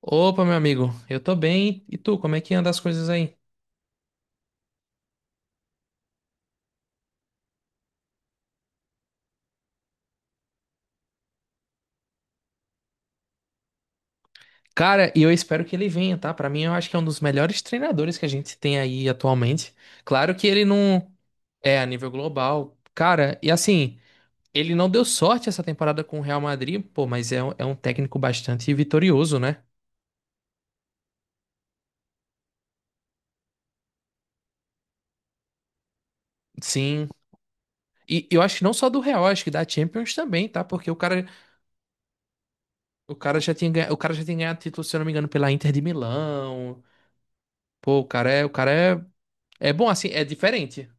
Opa, meu amigo, eu tô bem. E tu, como é que anda as coisas aí? Cara, e eu espero que ele venha, tá? Pra mim, eu acho que é um dos melhores treinadores que a gente tem aí atualmente. Claro que ele não é a nível global. Cara, e assim, ele não deu sorte essa temporada com o Real Madrid, pô, mas é, é um técnico bastante vitorioso, né? Sim. E eu acho que não só do Real, acho que da Champions também, tá? Porque o cara já tinha, o cara já tinha ganhado título, se eu não me engano, pela Inter de Milão. Pô, o cara é, é bom assim, é diferente.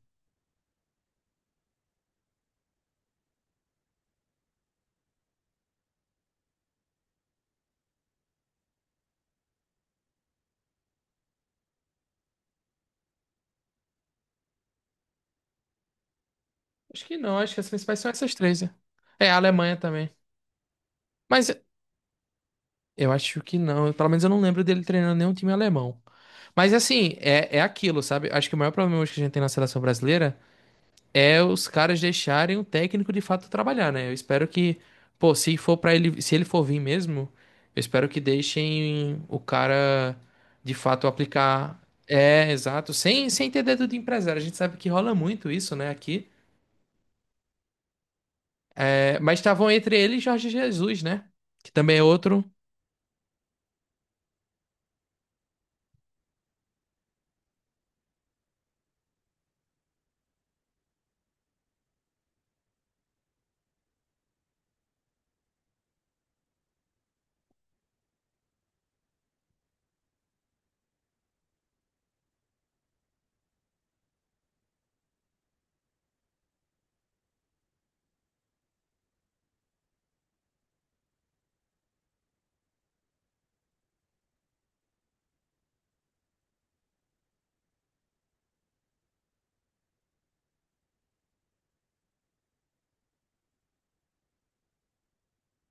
Acho que não, acho que as principais são essas três. Né? É, a Alemanha também. Mas eu acho que não, pelo menos eu não lembro dele treinando nenhum time alemão. Mas assim, é, é aquilo, sabe? Acho que o maior problema hoje que a gente tem na seleção brasileira é os caras deixarem o técnico de fato trabalhar, né? Eu espero que, pô, se for para ele, se ele for vir mesmo, eu espero que deixem o cara de fato aplicar. É, exato, sem, sem ter dedo de empresário. A gente sabe que rola muito isso, né, aqui. É, mas estavam entre ele e Jorge Jesus, né? Que também é outro.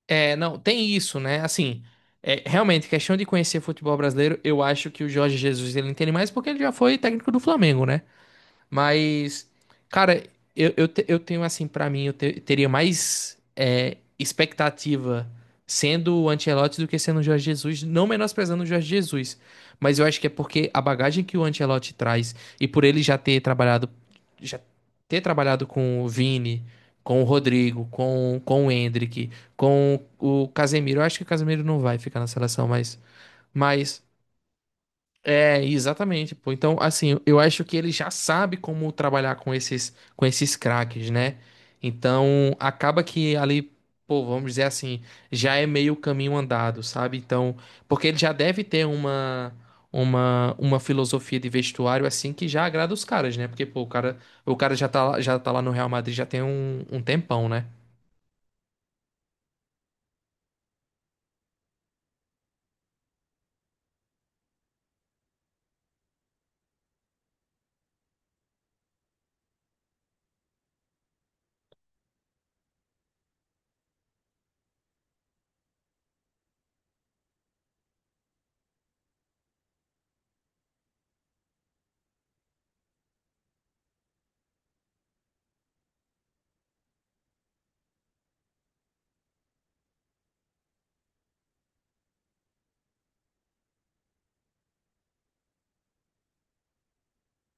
É, não, tem isso, né? Assim, é, realmente, questão de conhecer futebol brasileiro, eu acho que o Jorge Jesus ele entende mais porque ele já foi técnico do Flamengo, né? Mas, cara, eu tenho assim, pra mim, teria mais é, expectativa sendo o Ancelotti do que sendo o Jorge Jesus, não menosprezando o Jorge Jesus. Mas eu acho que é porque a bagagem que o Ancelotti traz e por ele já ter trabalhado com o Vini, com o Rodrigo, com o Endrick, com o Casemiro. Eu acho que o Casemiro não vai ficar na seleção, mas é, exatamente, pô. Então, assim, eu acho que ele já sabe como trabalhar com esses craques, né? Então, acaba que ali, pô, vamos dizer assim, já é meio caminho andado, sabe? Então, porque ele já deve ter uma uma filosofia de vestuário assim que já agrada os caras, né? Porque, pô, o cara já tá lá no Real Madrid já tem um, um tempão, né?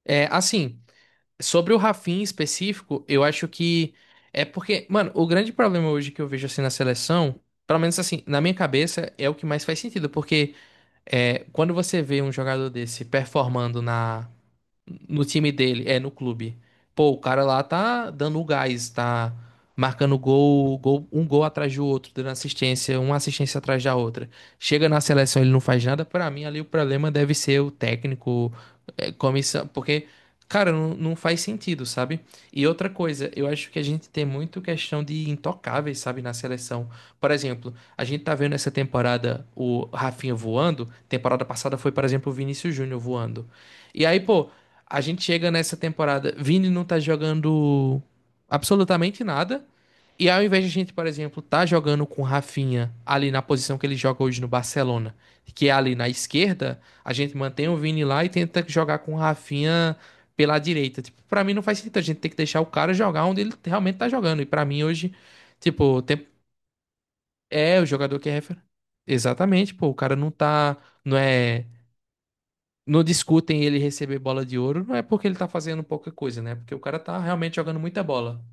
É, assim, sobre o Rafinha em específico, eu acho que é porque, mano, o grande problema hoje que eu vejo assim na seleção, pelo menos assim, na minha cabeça, é o que mais faz sentido, porque é, quando você vê um jogador desse performando na no time dele, é no clube, pô, o cara lá tá dando o gás, tá marcando gol, gol, um gol atrás do outro, dando assistência, uma assistência atrás da outra. Chega na seleção, ele não faz nada, pra mim ali o problema deve ser o técnico é, comissão, porque, cara, não, não faz sentido, sabe? E outra coisa, eu acho que a gente tem muito questão de intocáveis, sabe, na seleção. Por exemplo, a gente tá vendo essa temporada o Rafinha voando, temporada passada foi, por exemplo, o Vinícius Júnior voando. E aí, pô, a gente chega nessa temporada, Vini não tá jogando absolutamente nada. E ao invés de a gente, por exemplo, tá jogando com o Rafinha ali na posição que ele joga hoje no Barcelona, que é ali na esquerda, a gente mantém o Vini lá e tenta jogar com o Rafinha pela direita. Tipo, pra mim não faz sentido. A gente tem que deixar o cara jogar onde ele realmente tá jogando. E pra mim hoje, tipo, é o jogador que é refer... Exatamente, pô. O cara não tá. Não é. Não discutem ele receber bola de ouro, não é porque ele tá fazendo pouca coisa, né? Porque o cara tá realmente jogando muita bola.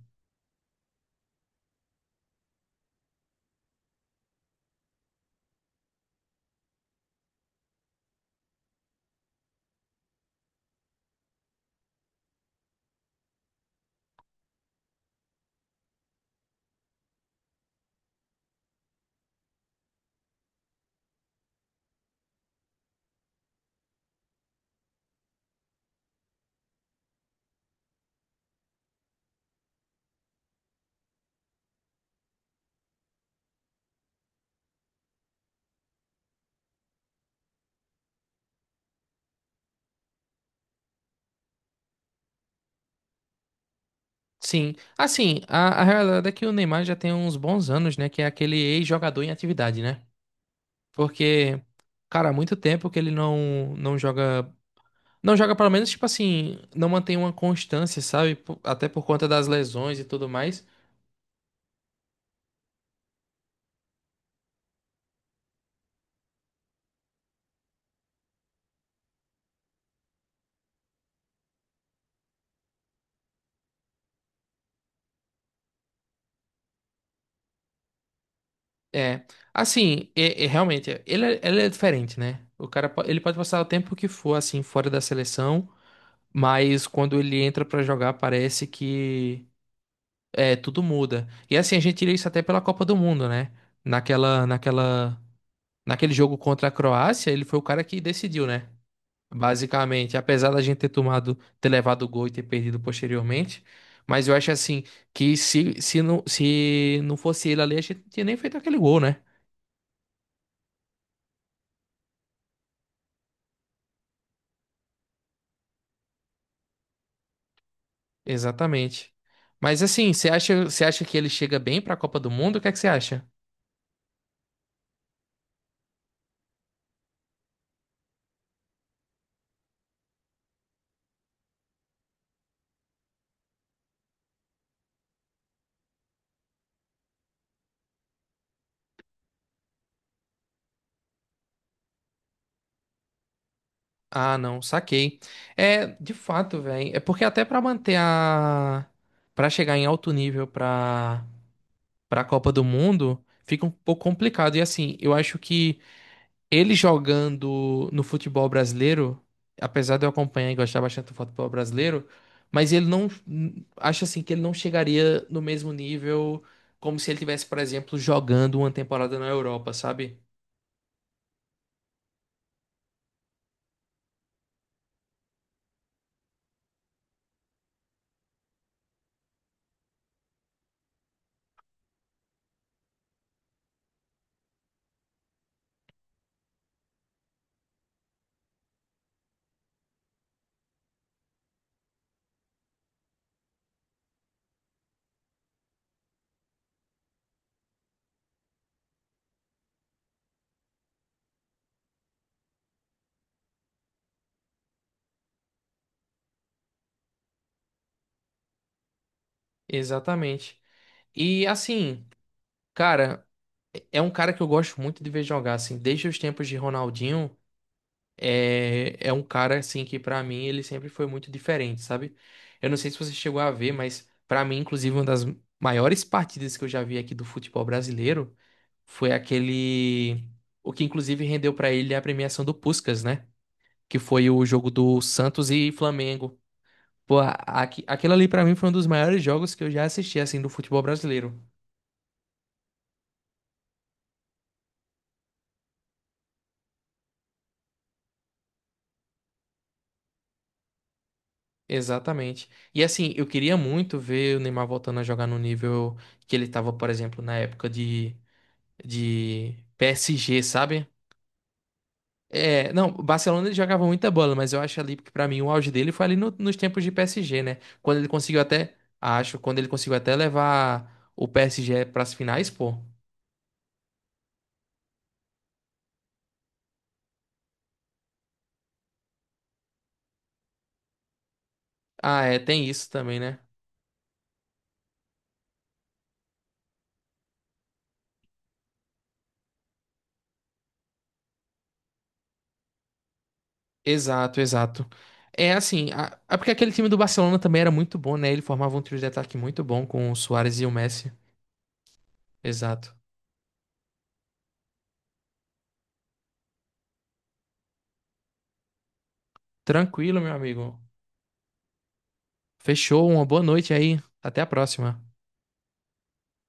Sim. Assim, a realidade é que o Neymar já tem uns bons anos, né? Que é aquele ex-jogador em atividade, né? Porque, cara, há muito tempo que ele não, não joga. Não joga pelo menos, tipo assim, não mantém uma constância, sabe? Até por conta das lesões e tudo mais. É, assim, é, é, realmente, é, ele, ele é diferente, né? O cara, ele pode passar o tempo que for, assim, fora da seleção, mas quando ele entra pra jogar, parece que é, tudo muda. E assim, a gente tira isso até pela Copa do Mundo, né? Naquela, naquela, naquele jogo contra a Croácia, ele foi o cara que decidiu, né? Basicamente, apesar da gente ter tomado, ter levado o gol e ter perdido posteriormente, mas eu acho assim que se não fosse ele ali, a gente não tinha nem feito aquele gol, né? Exatamente. Mas assim, você acha que ele chega bem pra Copa do Mundo? O que é que você acha? Ah, não, saquei. É, de fato, velho. É porque até pra manter a pra chegar em alto nível pra para Copa do Mundo, fica um pouco complicado. E assim, eu acho que ele jogando no futebol brasileiro, apesar de eu acompanhar e gostar bastante do futebol brasileiro, mas ele não acho assim que ele não chegaria no mesmo nível como se ele tivesse, por exemplo, jogando uma temporada na Europa, sabe? Exatamente. E assim, cara, é um cara que eu gosto muito de ver jogar assim, desde os tempos de Ronaldinho. É, é um cara assim que pra mim ele sempre foi muito diferente, sabe? Eu não sei se você chegou a ver, mas pra mim, inclusive, uma das maiores partidas que eu já vi aqui do futebol brasileiro foi aquele o que inclusive rendeu pra ele a premiação do Puskás, né? Que foi o jogo do Santos e Flamengo. Pô, aqui, aquilo ali pra mim foi um dos maiores jogos que eu já assisti assim do futebol brasileiro. Exatamente. E assim, eu queria muito ver o Neymar voltando a jogar no nível que ele tava, por exemplo, na época de PSG, sabe? É, não, o Barcelona ele jogava muita bola, mas eu acho ali que pra mim o auge dele foi ali nos tempos de PSG, né? Quando ele conseguiu até, acho, quando ele conseguiu até levar o PSG pras finais, pô. Ah, é, tem isso também, né? Exato, exato. É assim, é porque aquele time do Barcelona também era muito bom, né? Ele formava um trio de ataque muito bom com o Suárez e o Messi. Exato. Tranquilo, meu amigo. Fechou, uma boa noite aí. Até a próxima.